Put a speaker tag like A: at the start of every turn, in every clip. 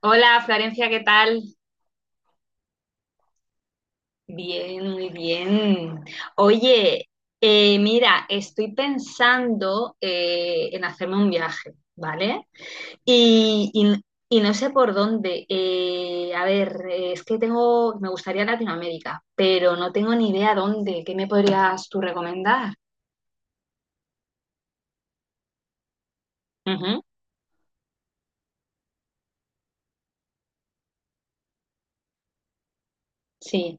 A: Hola Florencia, ¿qué tal? Bien, muy bien. Oye, mira, estoy pensando en hacerme un viaje, ¿vale? Y, y- y no sé por dónde. A ver, es que tengo, me gustaría Latinoamérica, pero no tengo ni idea dónde. ¿Qué me podrías tú recomendar? Ujú. Sí,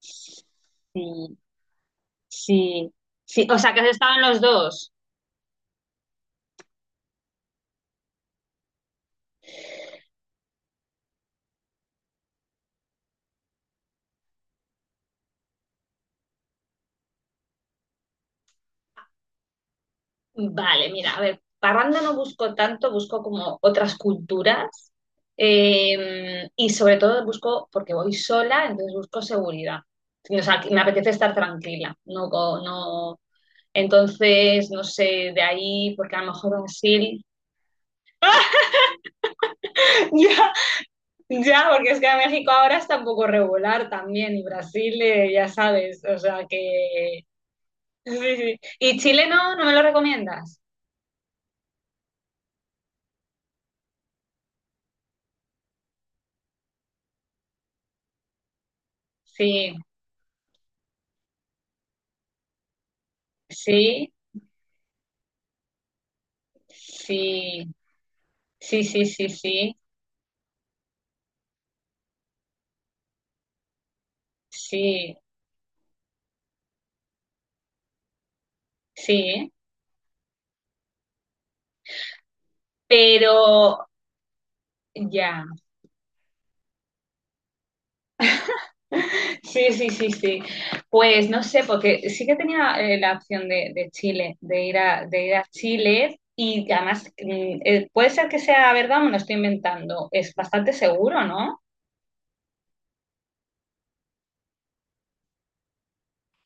A: sí, sí, sí. O sea, que has estado en los dos. Vale, mira, a ver, parranda no busco tanto, busco como otras culturas, y sobre todo busco, porque voy sola, entonces busco seguridad. Sí. O sea, que me apetece estar tranquila, no, no, entonces, no sé, de ahí, porque a lo mejor Brasil. Ya, ya, porque es que a México ahora está un poco regular también, y Brasil, ya sabes, o sea que. Sí, sí. ¿Y Chile no? ¿No me lo recomiendas? Sí, sí, sí. Sí, sí, sí, sí, sí, sí, pero ya. Sí, sí, sí, sí. Pues no sé, porque sí que tenía, la opción de Chile, de ir a Chile. Y además, puede ser que sea verdad, me lo estoy inventando, es bastante seguro, ¿no?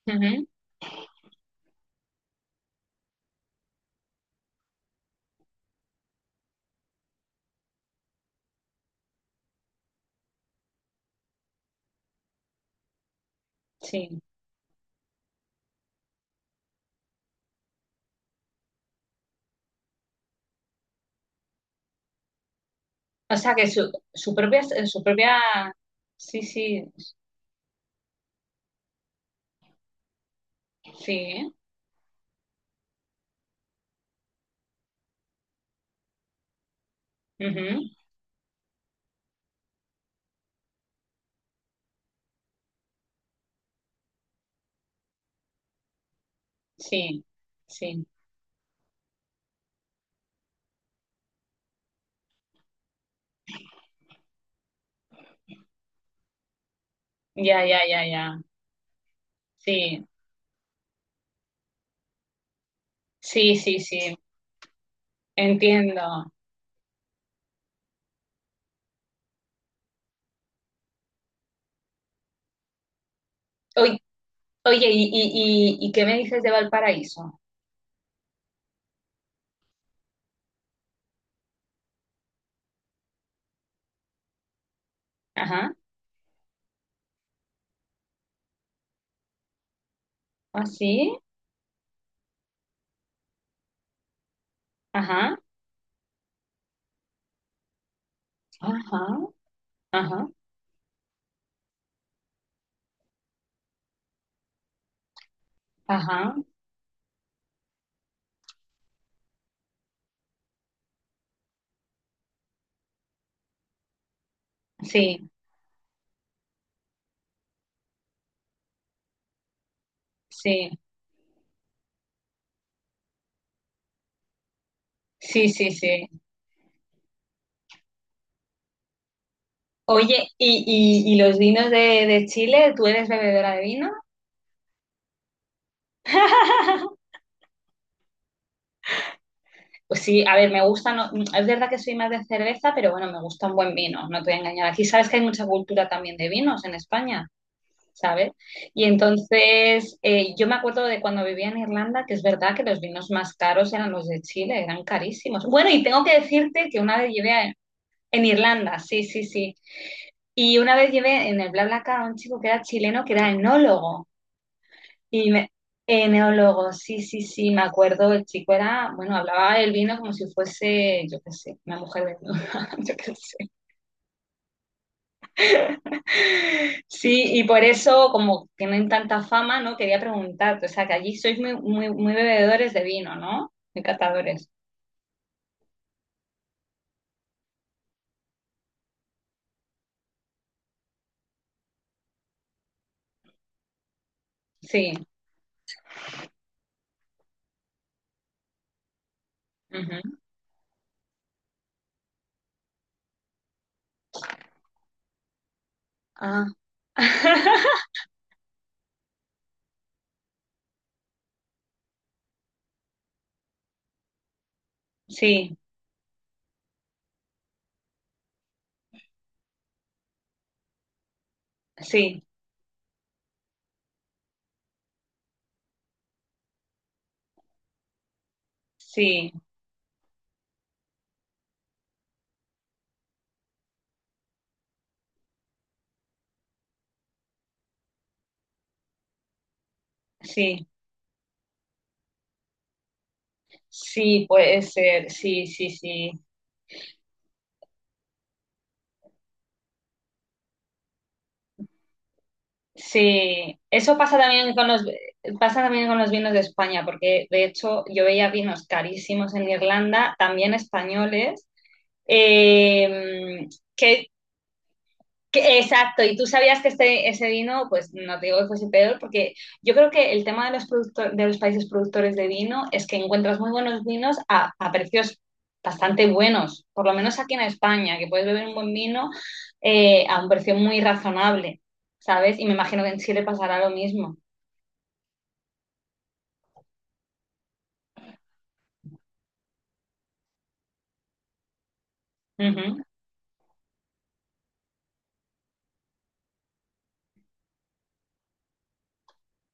A: Ujú. Sí, o sea que su propia, su propia. Sí, sí, sí, ujú, sí, sí, ya, ya, ya, ya, sí. Sí, sí, sí. Entiendo. Oy- Oye, ¿y qué me dices de Valparaíso? Ajá, así, ajá, ajá, ajá, ajá, sí, sí, sí, sí, sí. Oye, ¿y los vinos de Chile? ¿Tú eres bebedora de vino? Pues sí, a ver, me gustan, es verdad que soy más de cerveza, pero bueno, me gusta un buen vino, no te voy a engañar. Aquí sabes que hay mucha cultura también de vinos en España. ¿Sabes? Y entonces, yo me acuerdo de cuando vivía en Irlanda, que es verdad que los vinos más caros eran los de Chile, eran carísimos. Bueno, y tengo que decirte que una vez En Irlanda, sí, sí, sí. Y una vez llevé en el BlaBlaCar a un chico que era chileno, que era enólogo. Y me, enólogo, sí, sí, sí, me acuerdo, el chico era, bueno, hablaba del vino como si fuese, yo qué sé, una mujer desnuda, yo qué sé. Sí, y por eso, como tienen tanta fama, ¿no? Quería preguntarte, o sea, que allí sois muy, muy, muy bebedores de vino, ¿no? Muy catadores. Sí. Ujú. Ah. Sí, sí, sí, sí, sí, puede ser, sí, sí, sí, sí. Eso pasa también con los, vinos de España, porque de hecho yo veía vinos carísimos en Irlanda, también españoles, eh, que Exacto, y tú sabías que este, ese vino, pues no te digo que fuese peor, porque yo creo que el tema de los, producto- de los países productores de vino es que encuentras muy buenos vinos a precios bastante buenos, por lo menos aquí en España, que puedes beber un buen vino, a un precio muy razonable, ¿sabes? Y me imagino que en Chile pasará lo mismo. Ujú.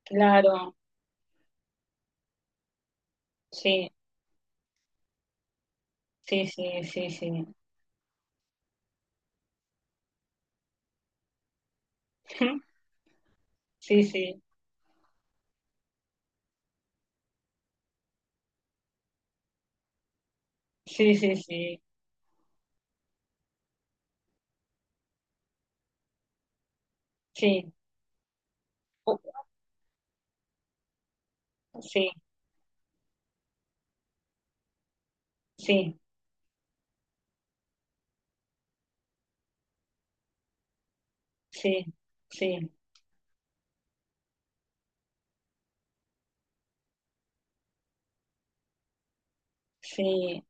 A: Claro, sí, sí, sí, sí, sí. Sí, sí, sí, sí, sí, sí, sí, sí, sí, sí. Sí.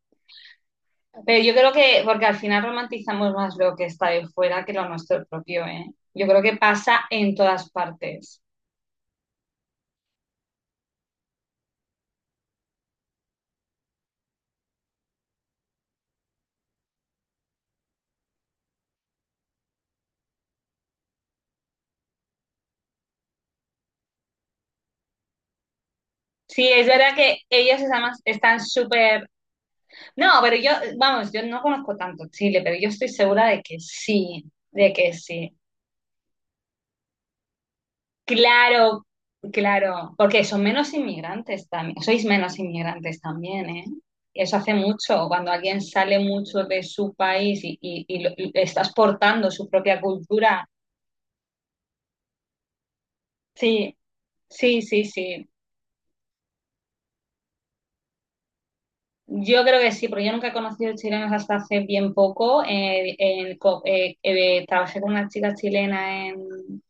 A: Pero yo creo que, porque al final romantizamos más lo que está de fuera que lo nuestro propio, ¿eh? Yo creo que pasa en todas partes. Sí, es verdad que ellos además están súper... No, pero yo, vamos, yo no conozco tanto Chile, pero yo estoy segura de que sí, de que sí. Claro, claro, porque son menos inmigrantes también, sois menos inmigrantes también, ¿eh? Eso hace mucho, cuando alguien sale mucho de su país y está exportando su propia cultura. Sí. Sí, sí, sí. Yo creo que sí, porque yo nunca he conocido chilenos hasta hace bien poco. Trabajé con una chica chilena en,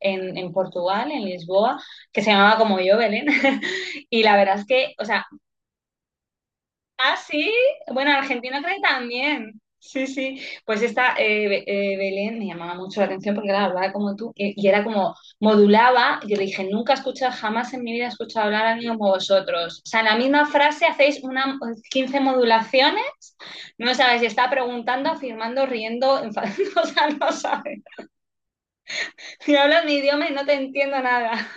A: en- en Portugal, en Lisboa, que se llamaba como yo, Belén. Y la verdad es que, o sea... Ah, sí. Bueno, en Argentina creo que también. Sí, sí. Pues esta, Belén me llamaba mucho la atención porque claro, hablaba como tú, y era como modulaba. Yo le dije, nunca he escuchado, jamás en mi vida he escuchado hablar a alguien como vosotros. O sea, en la misma frase hacéis una 15 modulaciones. No sabes si está preguntando, afirmando, riendo, enfadando. O sea, no sabes. Si hablas mi idioma y no te entiendo nada.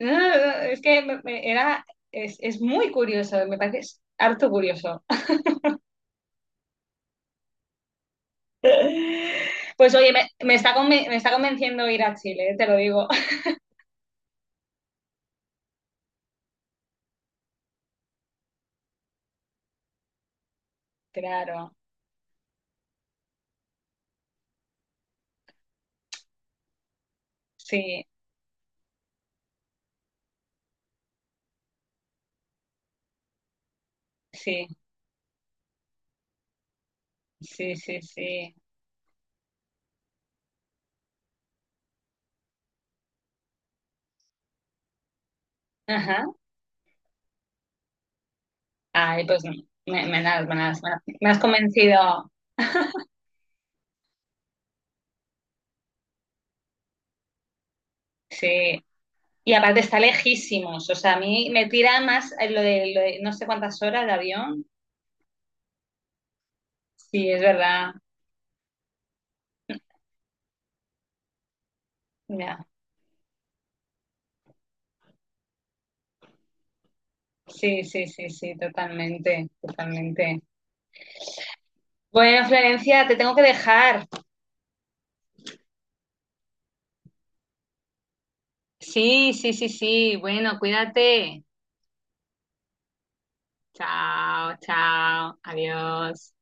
A: Es que es muy curioso, me parece harto curioso. Pues oye, me está convenciendo ir a Chile, te lo digo. Claro, sí, sí, sí, sí, sí. Ajá. Ay, pues me has, me has- me las- me has convencido, sí. Y aparte está lejísimos, o sea, a mí me tira más lo de, no sé cuántas horas de avión. Sí, es verdad. Ya. Sí, sí, sí, sí, totalmente, totalmente. Bueno, Florencia, te tengo que dejar. Sí, sí, sí, sí. Bueno, cuídate. Chao, chao, adiós.